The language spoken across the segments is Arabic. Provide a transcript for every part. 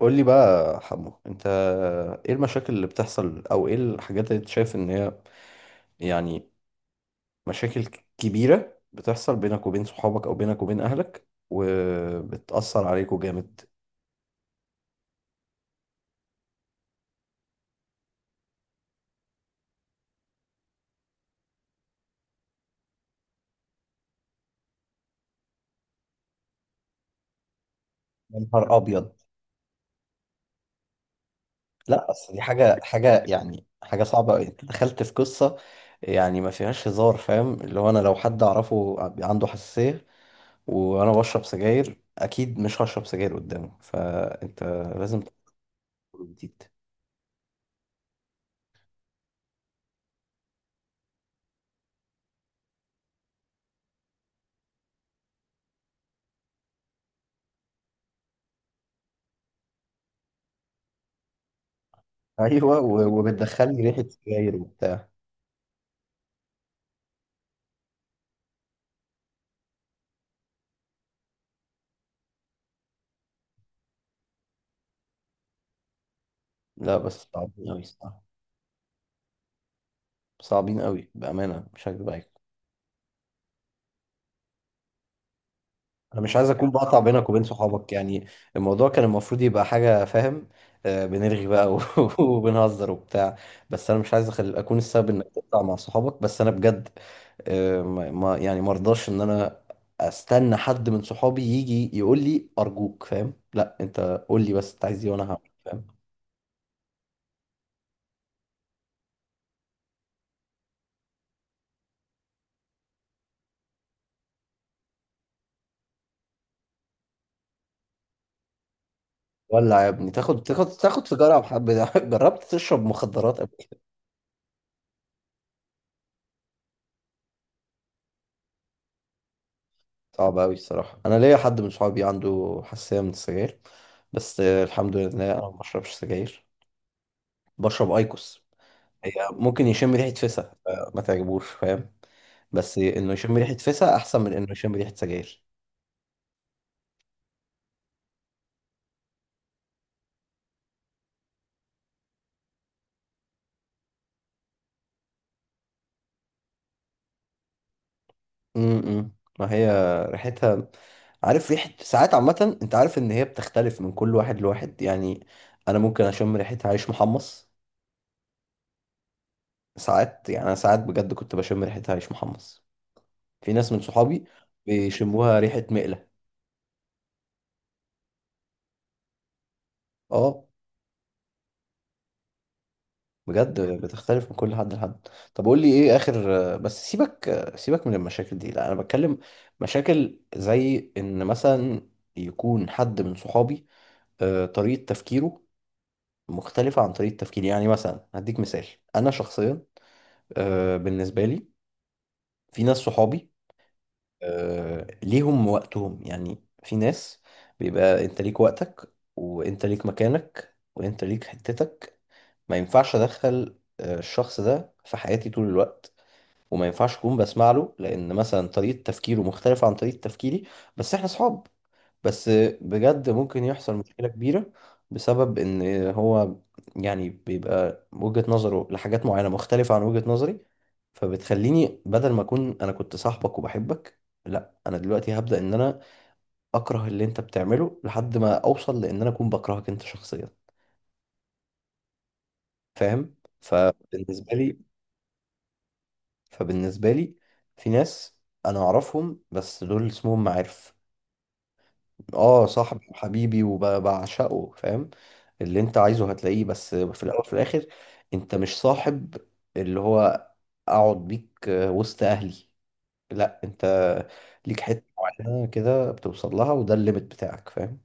قول لي بقى يا حمو، انت ايه المشاكل اللي بتحصل؟ او ايه الحاجات اللي انت شايف ان هي يعني مشاكل كبيرة بتحصل بينك وبين صحابك او بينك وبين اهلك وبتأثر عليكوا جامد؟ يا نهار ابيض! لا اصل دي حاجه يعني حاجه صعبه قوي، انت دخلت في قصه يعني ما فيهاش هزار. فاهم؟ اللي هو انا لو حد اعرفه عنده حساسيه وانا بشرب سجاير اكيد مش هشرب سجاير قدامه، فانت لازم تحط حدود. ايوه، وبتدخلني ريحه سجاير وبتاع. لا بس صعبين قوي الصراحه، صعبين قوي بامانه، مش هكدب عليك. انا مش عايز اكون بقطع بينك وبين صحابك يعني، الموضوع كان المفروض يبقى حاجه. فاهم؟ آه، بنرغي بقى وبنهزر وبتاع. بس انا مش عايز اكون السبب انك تقطع مع صحابك، بس انا بجد آه، يعني مرضاش ان انا استنى حد من صحابي يجي يقول لي ارجوك. فاهم؟ لا انت قول لي بس انت عايز ايه وانا هعمل. فاهم؟ ولع يا ابني، تاخد في جرعة بحب ده. جربت تشرب مخدرات قبل كده؟ صعب قوي الصراحة. انا ليا حد من صحابي عنده حساسية من السجاير، بس آه، الحمد لله انا ما بشربش سجاير، بشرب ايكوس. هي ممكن يشم ريحة فسا آه، ما تعجبوش فاهم، بس انه يشم ريحة فسا احسن من انه يشم ريحة سجاير. امم. ما هي ريحتها، عارف ريحة، ساعات عامة انت عارف ان هي بتختلف من كل واحد لواحد يعني. انا ممكن اشم ريحة عيش محمص ساعات، يعني انا ساعات بجد كنت بشم ريحتها عيش محمص. في ناس من صحابي بيشموها ريحة مقلة. اه، بجد بتختلف من كل حد لحد. طب قول لي ايه اخر بس. سيبك، سيبك من المشاكل دي. لا انا بتكلم مشاكل زي ان مثلا يكون حد من صحابي آه، طريقة تفكيره مختلفة عن طريقة تفكيري. يعني مثلا هديك مثال، انا شخصيا آه، بالنسبة لي، في ناس صحابي آه، ليهم وقتهم. يعني في ناس بيبقى انت ليك وقتك وانت ليك مكانك وانت ليك حتتك، ما ينفعش ادخل آه، الشخص ده في حياتي طول الوقت، وما ينفعش اكون بسمع له لان مثلا طريقة تفكيره مختلفة عن طريقة تفكيري. بس احنا صحاب. بس بجد ممكن يحصل مشكلة كبيرة بسبب ان هو يعني بيبقى وجهة نظره لحاجات معينة مختلفة عن وجهة نظري. فبتخليني بدل ما اكون انا كنت صاحبك وبحبك، لا انا دلوقتي هبدأ ان انا اكره اللي انت بتعمله لحد ما اوصل لان انا اكون بكرهك انت شخصيا. فاهم؟ فبالنسبة لي فبالنسبة لي، في ناس انا اعرفهم بس دول اسمهم معارف. اه، صاحبي وحبيبي وبعشقه فاهم؟ اللي انت عايزه هتلاقيه، بس في الاول وفي الاخر انت مش صاحب اللي هو اقعد بيك وسط اهلي. لا، انت ليك حته معينه كده بتوصل لها وده الليميت بتاعك. فاهم؟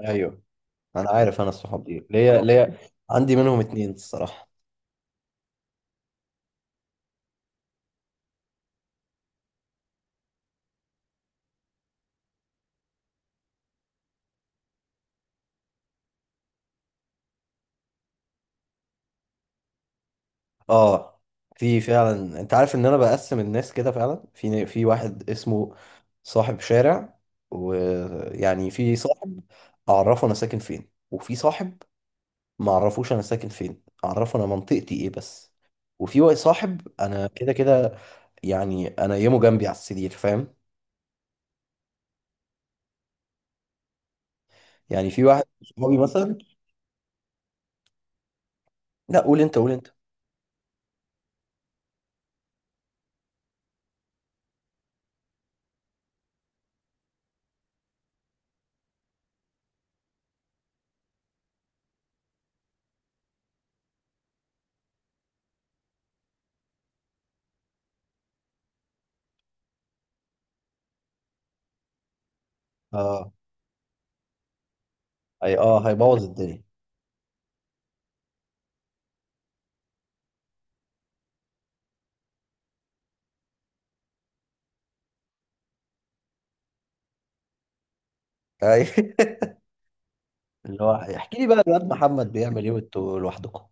ايوه، انا عارف. انا الصحاب دي ليا ليا، عندي منهم اتنين الصراحه. اه، في فعلا، انت عارف ان انا بقسم الناس كده فعلا. في واحد اسمه صاحب شارع، ويعني في صاحب اعرفه انا ساكن فين، وفي صاحب ما اعرفوش انا ساكن فين، اعرفه انا منطقتي ايه بس. وفي واحد صاحب انا كده كده، يعني انا يمه جنبي على السرير. فاهم؟ يعني في واحد صحابي مثلا. لا قول انت، قول انت. اه، اي، اه، هيبوظ الدنيا. أي. اللي هو احكي لي بقى الواد محمد بيعمل ايه وانتوا لوحدكم.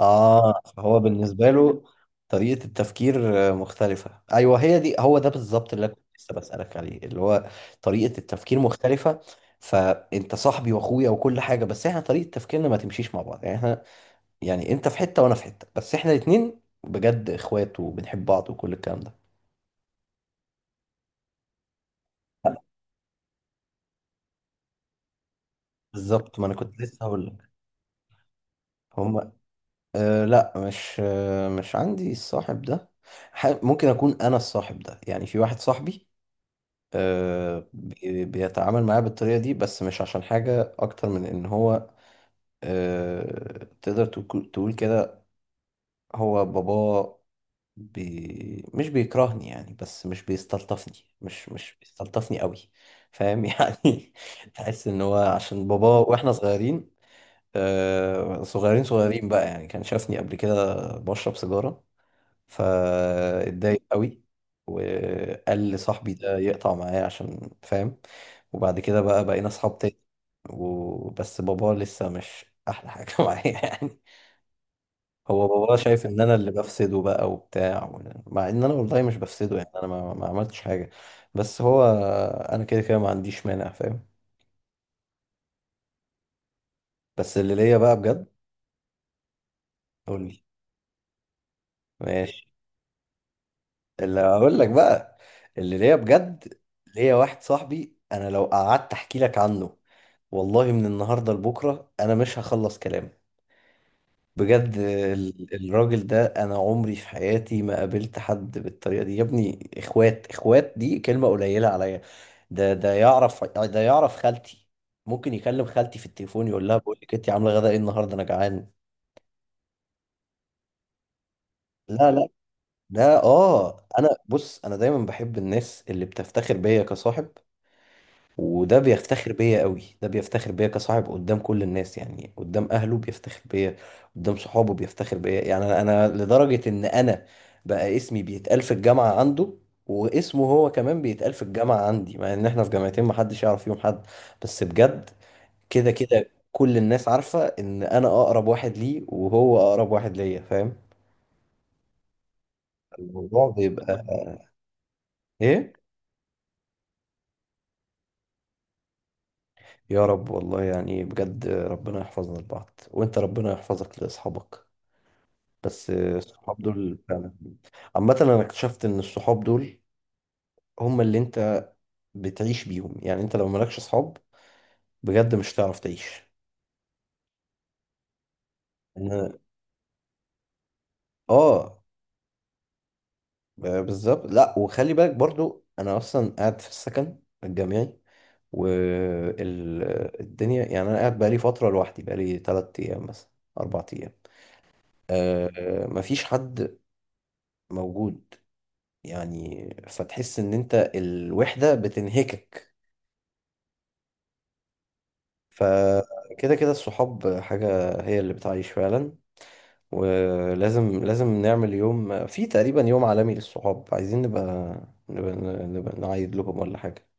اه، هو بالنسبة له طريقة التفكير آه، مختلفة. ايوه، هي دي، هو ده بالظبط اللي أنا كنت لسه بسألك عليه، اللي هو طريقة التفكير مختلفة. فانت صاحبي واخويا وكل حاجة، بس احنا طريقة تفكيرنا ما تمشيش مع بعض. يعني احنا يعني انت في حتة وانا في حتة، بس احنا الاتنين بجد اخوات وبنحب بعض وكل الكلام ده. بالظبط، ما انا كنت لسه هقول لك. هما آه، لا مش آه مش عندي الصاحب ده. ممكن اكون انا الصاحب ده. يعني في واحد صاحبي آه، بيتعامل معاه بالطريقة دي، بس مش عشان حاجة أكتر من إن هو آه، تقدر تقول كده، هو بابا بي مش بيكرهني يعني، بس مش بيستلطفني. مش بيستلطفني قوي. فاهم؟ يعني تحس إن هو عشان بابا وإحنا صغيرين آه، صغيرين صغيرين بقى يعني كان شافني قبل كده بشرب سيجارة فاتضايق قوي، وقال لصاحبي ده يقطع معايا عشان فاهم. وبعد كده بقى بقينا اصحاب تاني. وبس بابا لسه مش احلى حاجة معايا يعني. هو بابا شايف ان انا اللي بفسده بقى وبتاع، مع ان انا والله مش بفسده يعني. انا ما عملتش حاجة. بس هو، انا كده كده ما عنديش مانع فاهم. بس اللي ليا بقى بجد. قول لي، ماشي. اللي هقول لك بقى، اللي ليا بجد، ليا واحد صاحبي انا لو قعدت احكي لك عنه، والله من النهارده لبكره انا مش هخلص كلام. بجد الراجل ده، انا عمري في حياتي ما قابلت حد بالطريقه دي يا ابني. اخوات اخوات دي كلمه قليله عليا. ده يعرف خالتي. ممكن يكلم خالتي في التليفون يقول لها: بقول لك انت عامله غدا ايه النهارده، انا جعان. لا لا. ده، اه، انا بص، انا دايما بحب الناس اللي بتفتخر بيا كصاحب، وده بيفتخر بيا قوي. ده بيفتخر بيا كصاحب قدام كل الناس، يعني قدام اهله بيفتخر بيا، قدام صحابه بيفتخر بيا. يعني انا لدرجة ان انا بقى اسمي بيتقال في الجامعة عنده، واسمه هو كمان بيتقال في الجامعة عندي، مع ان احنا في جامعتين محدش يعرف فيهم حد. بس بجد كده كده كل الناس عارفة ان انا اقرب واحد ليه وهو اقرب واحد ليا. فاهم؟ الموضوع بيبقى ايه؟ يا رب والله، يعني بجد ربنا يحفظنا لبعض، وانت ربنا يحفظك لاصحابك. بس الصحاب دول فعلا، عامة انا اكتشفت ان الصحاب دول هم اللي انت بتعيش بيهم. يعني انت لو مالكش صحاب بجد مش هتعرف تعيش. ان، اه، بالظبط. لا وخلي بالك برضو انا اصلا قاعد في السكن الجامعي، والدنيا يعني، انا قاعد بقالي فترة لوحدي، بقالي 3 ايام مثلا، 4 ايام آه، مفيش حد موجود. يعني فتحس ان انت الوحدة بتنهكك. فكده كده الصحاب حاجة هي اللي بتعيش فعلا. ولازم نعمل يوم في تقريبا يوم عالمي للصحاب، عايزين نبقى, نبقى نعيد لكم ولا حاجة